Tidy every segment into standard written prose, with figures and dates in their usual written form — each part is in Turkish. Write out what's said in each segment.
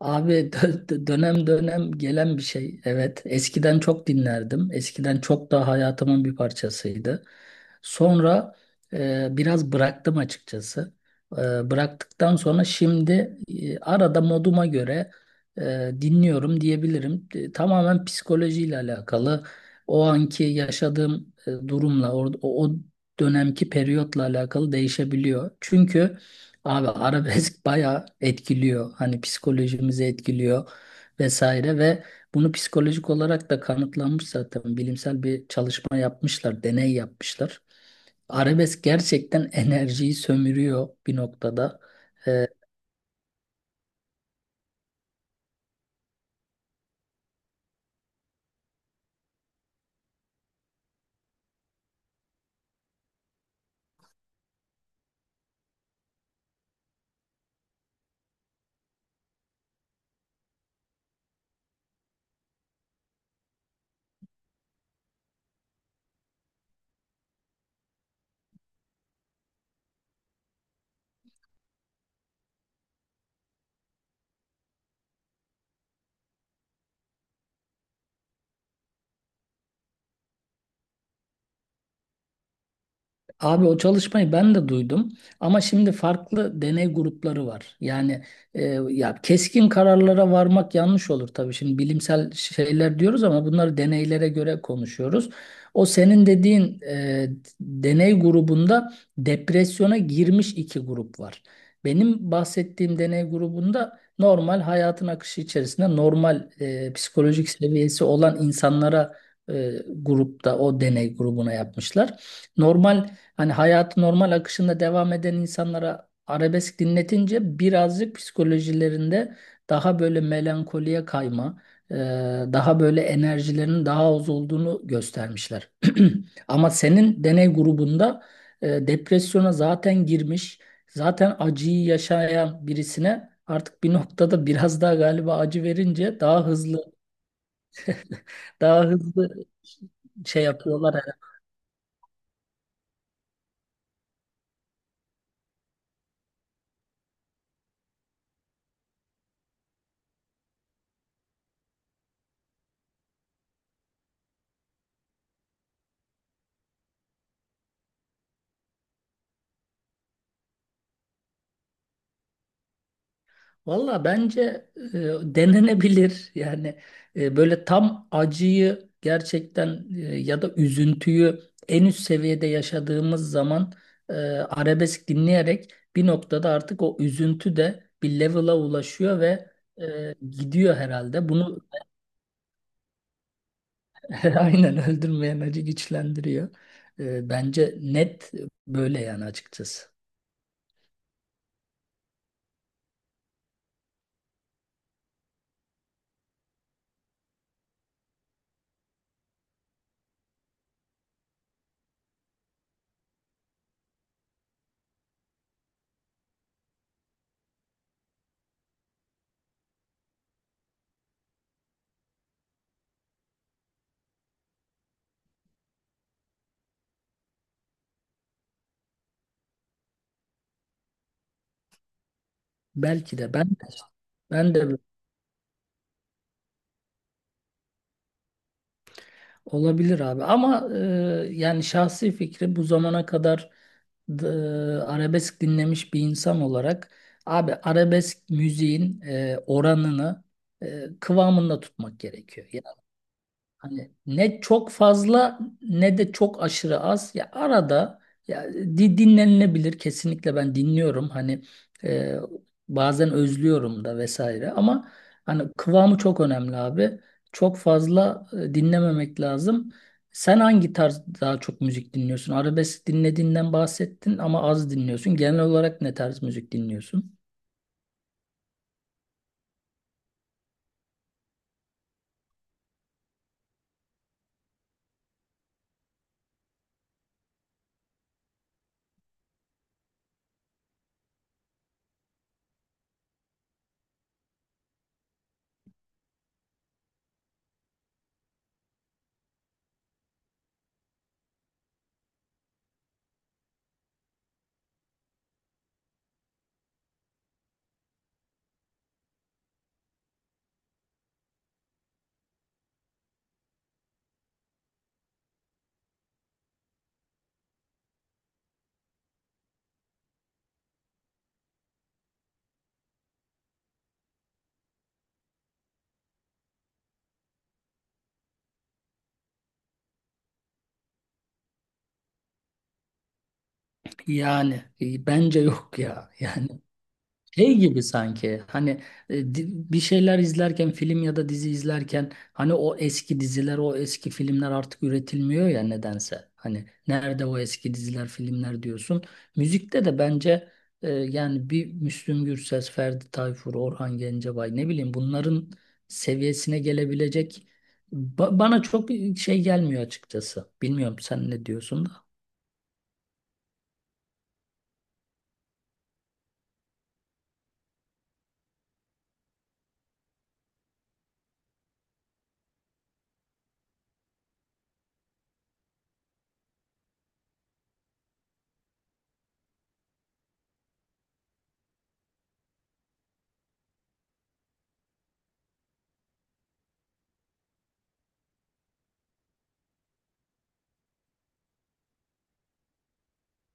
Abi dönem dönem gelen bir şey. Evet, eskiden çok dinlerdim. Eskiden çok daha hayatımın bir parçasıydı. Sonra biraz bıraktım açıkçası. Bıraktıktan sonra şimdi arada moduma göre dinliyorum diyebilirim. Tamamen psikolojiyle alakalı. O anki yaşadığım durumla, o dönemki periyotla alakalı değişebiliyor. Çünkü... Abi arabesk bayağı etkiliyor. Hani psikolojimizi etkiliyor vesaire ve bunu psikolojik olarak da kanıtlanmış zaten. Bilimsel bir çalışma yapmışlar, deney yapmışlar. Arabesk gerçekten enerjiyi sömürüyor bir noktada. Ee, Abi o çalışmayı ben de duydum ama şimdi farklı deney grupları var. Yani e, ya keskin kararlara varmak yanlış olur tabii. Şimdi bilimsel şeyler diyoruz ama bunları deneylere göre konuşuyoruz. O senin dediğin deney grubunda depresyona girmiş iki grup var. Benim bahsettiğim deney grubunda normal hayatın akışı içerisinde normal psikolojik seviyesi olan insanlara grupta o deney grubuna yapmışlar. Normal, hani hayatı normal akışında devam eden insanlara arabesk dinletince birazcık psikolojilerinde daha böyle melankoliye kayma, e, daha böyle enerjilerinin daha az olduğunu göstermişler. Ama senin deney grubunda depresyona zaten girmiş, zaten acıyı yaşayan birisine artık bir noktada biraz daha galiba acı verince daha hızlı, daha hızlı şey yapıyorlar. Valla bence denenebilir. Yani böyle tam acıyı gerçekten ya da üzüntüyü en üst seviyede yaşadığımız zaman arabesk dinleyerek bir noktada artık o üzüntü de bir level'a ulaşıyor ve gidiyor herhalde. Bunu aynen öldürmeyen acı güçlendiriyor. Bence net böyle yani açıkçası. Belki de ben de olabilir abi ama yani şahsi fikri bu zamana kadar d- e, arabesk dinlemiş bir insan olarak abi arabesk müziğin oranını kıvamında tutmak gerekiyor. Hani ne çok fazla ne de çok aşırı az. Ya arada dinlenilebilir, kesinlikle ben dinliyorum. Hani e, bazen özlüyorum da vesaire ama hani kıvamı çok önemli abi. Çok fazla dinlememek lazım. Sen hangi tarz daha çok müzik dinliyorsun? Arabesk dinlediğinden bahsettin ama az dinliyorsun. Genel olarak ne tarz müzik dinliyorsun? Yani bence yok ya. Yani şey gibi sanki hani e, di- bir şeyler izlerken, film ya da dizi izlerken, hani o eski diziler, o eski filmler artık üretilmiyor ya nedense. Hani nerede o eski diziler, filmler diyorsun. Müzikte de bence yani bir Müslüm Gürses, Ferdi Tayfur, Orhan Gencebay, ne bileyim, bunların seviyesine gelebilecek bana çok şey gelmiyor açıkçası. Bilmiyorum sen ne diyorsun da.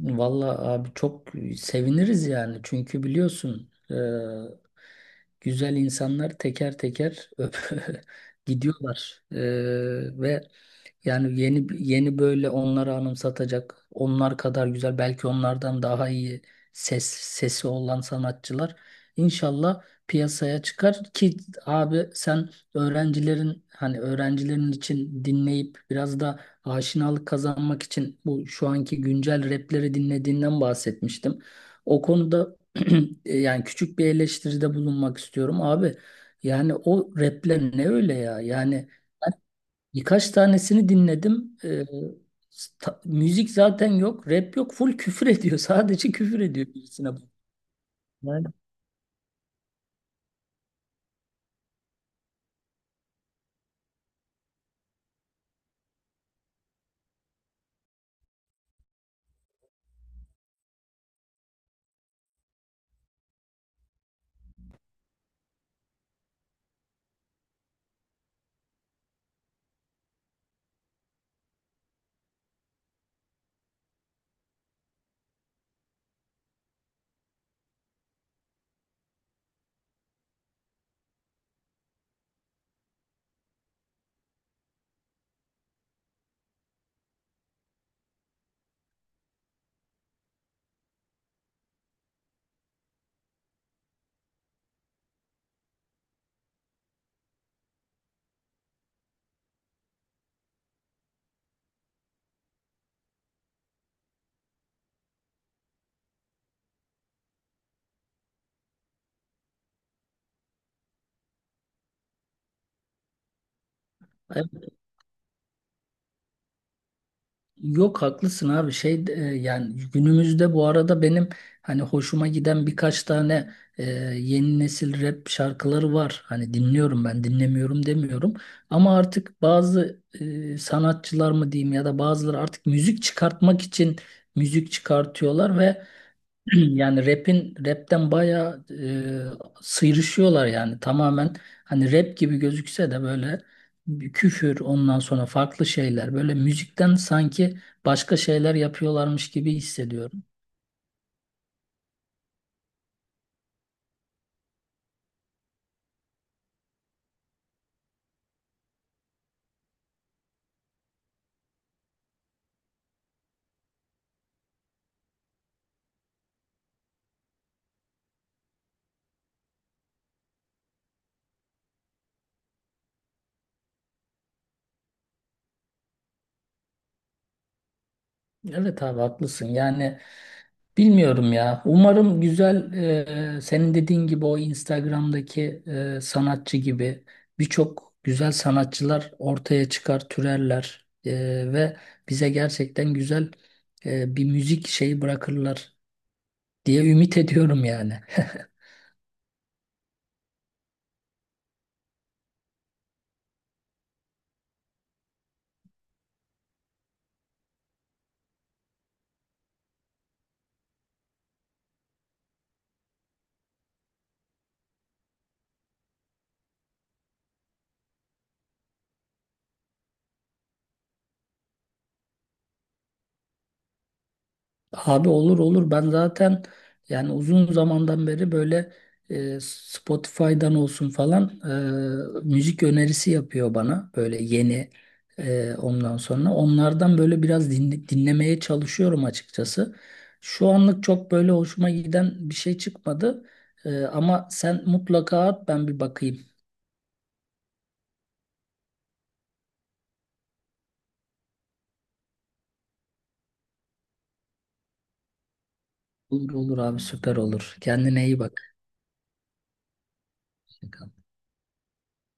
Vallahi abi çok seviniriz yani. Çünkü biliyorsun güzel insanlar teker teker öp- gidiyorlar. Ve yani yeni yeni böyle onları anımsatacak, onlar kadar güzel, belki onlardan daha iyi sesi olan sanatçılar inşallah piyasaya çıkar ki abi sen öğrencilerin, hani öğrencilerin için dinleyip biraz da aşinalık kazanmak için bu şu anki güncel rapleri dinlediğinden bahsetmiştim. O konuda yani küçük bir eleştiride bulunmak istiyorum abi. Yani o rapler ne öyle ya? Yani birkaç tanesini dinledim. Müzik zaten yok, rap yok. Full küfür ediyor. Sadece küfür ediyor birisine. Yani, evet. Yok, haklısın abi. Şey, yani günümüzde bu arada benim hani hoşuma giden birkaç tane e, yeni nesil rap şarkıları var. Hani dinliyorum, ben dinlemiyorum demiyorum ama artık bazı sanatçılar mı diyeyim ya da bazıları artık müzik çıkartmak için müzik çıkartıyorlar ve yani rap'in rap'ten bayağı sıyrışıyorlar yani tamamen, hani rap gibi gözükse de böyle bir küfür, ondan sonra farklı şeyler, böyle müzikten sanki başka şeyler yapıyorlarmış gibi hissediyorum. Evet abi, haklısın yani. Bilmiyorum ya. Umarım güzel, senin dediğin gibi o Instagram'daki sanatçı gibi birçok güzel sanatçılar ortaya çıkar, türerler ve bize gerçekten güzel bir müzik şeyi bırakırlar diye ümit ediyorum yani. Abi olur olur, ben zaten yani uzun zamandan beri böyle Spotify'dan olsun falan müzik önerisi yapıyor bana böyle yeni ondan sonra onlardan böyle biraz dinlemeye çalışıyorum açıkçası. Şu anlık çok böyle hoşuma giden bir şey çıkmadı. Ama sen mutlaka at, ben bir bakayım. Olur olur abi, süper. Olur, kendine iyi bak.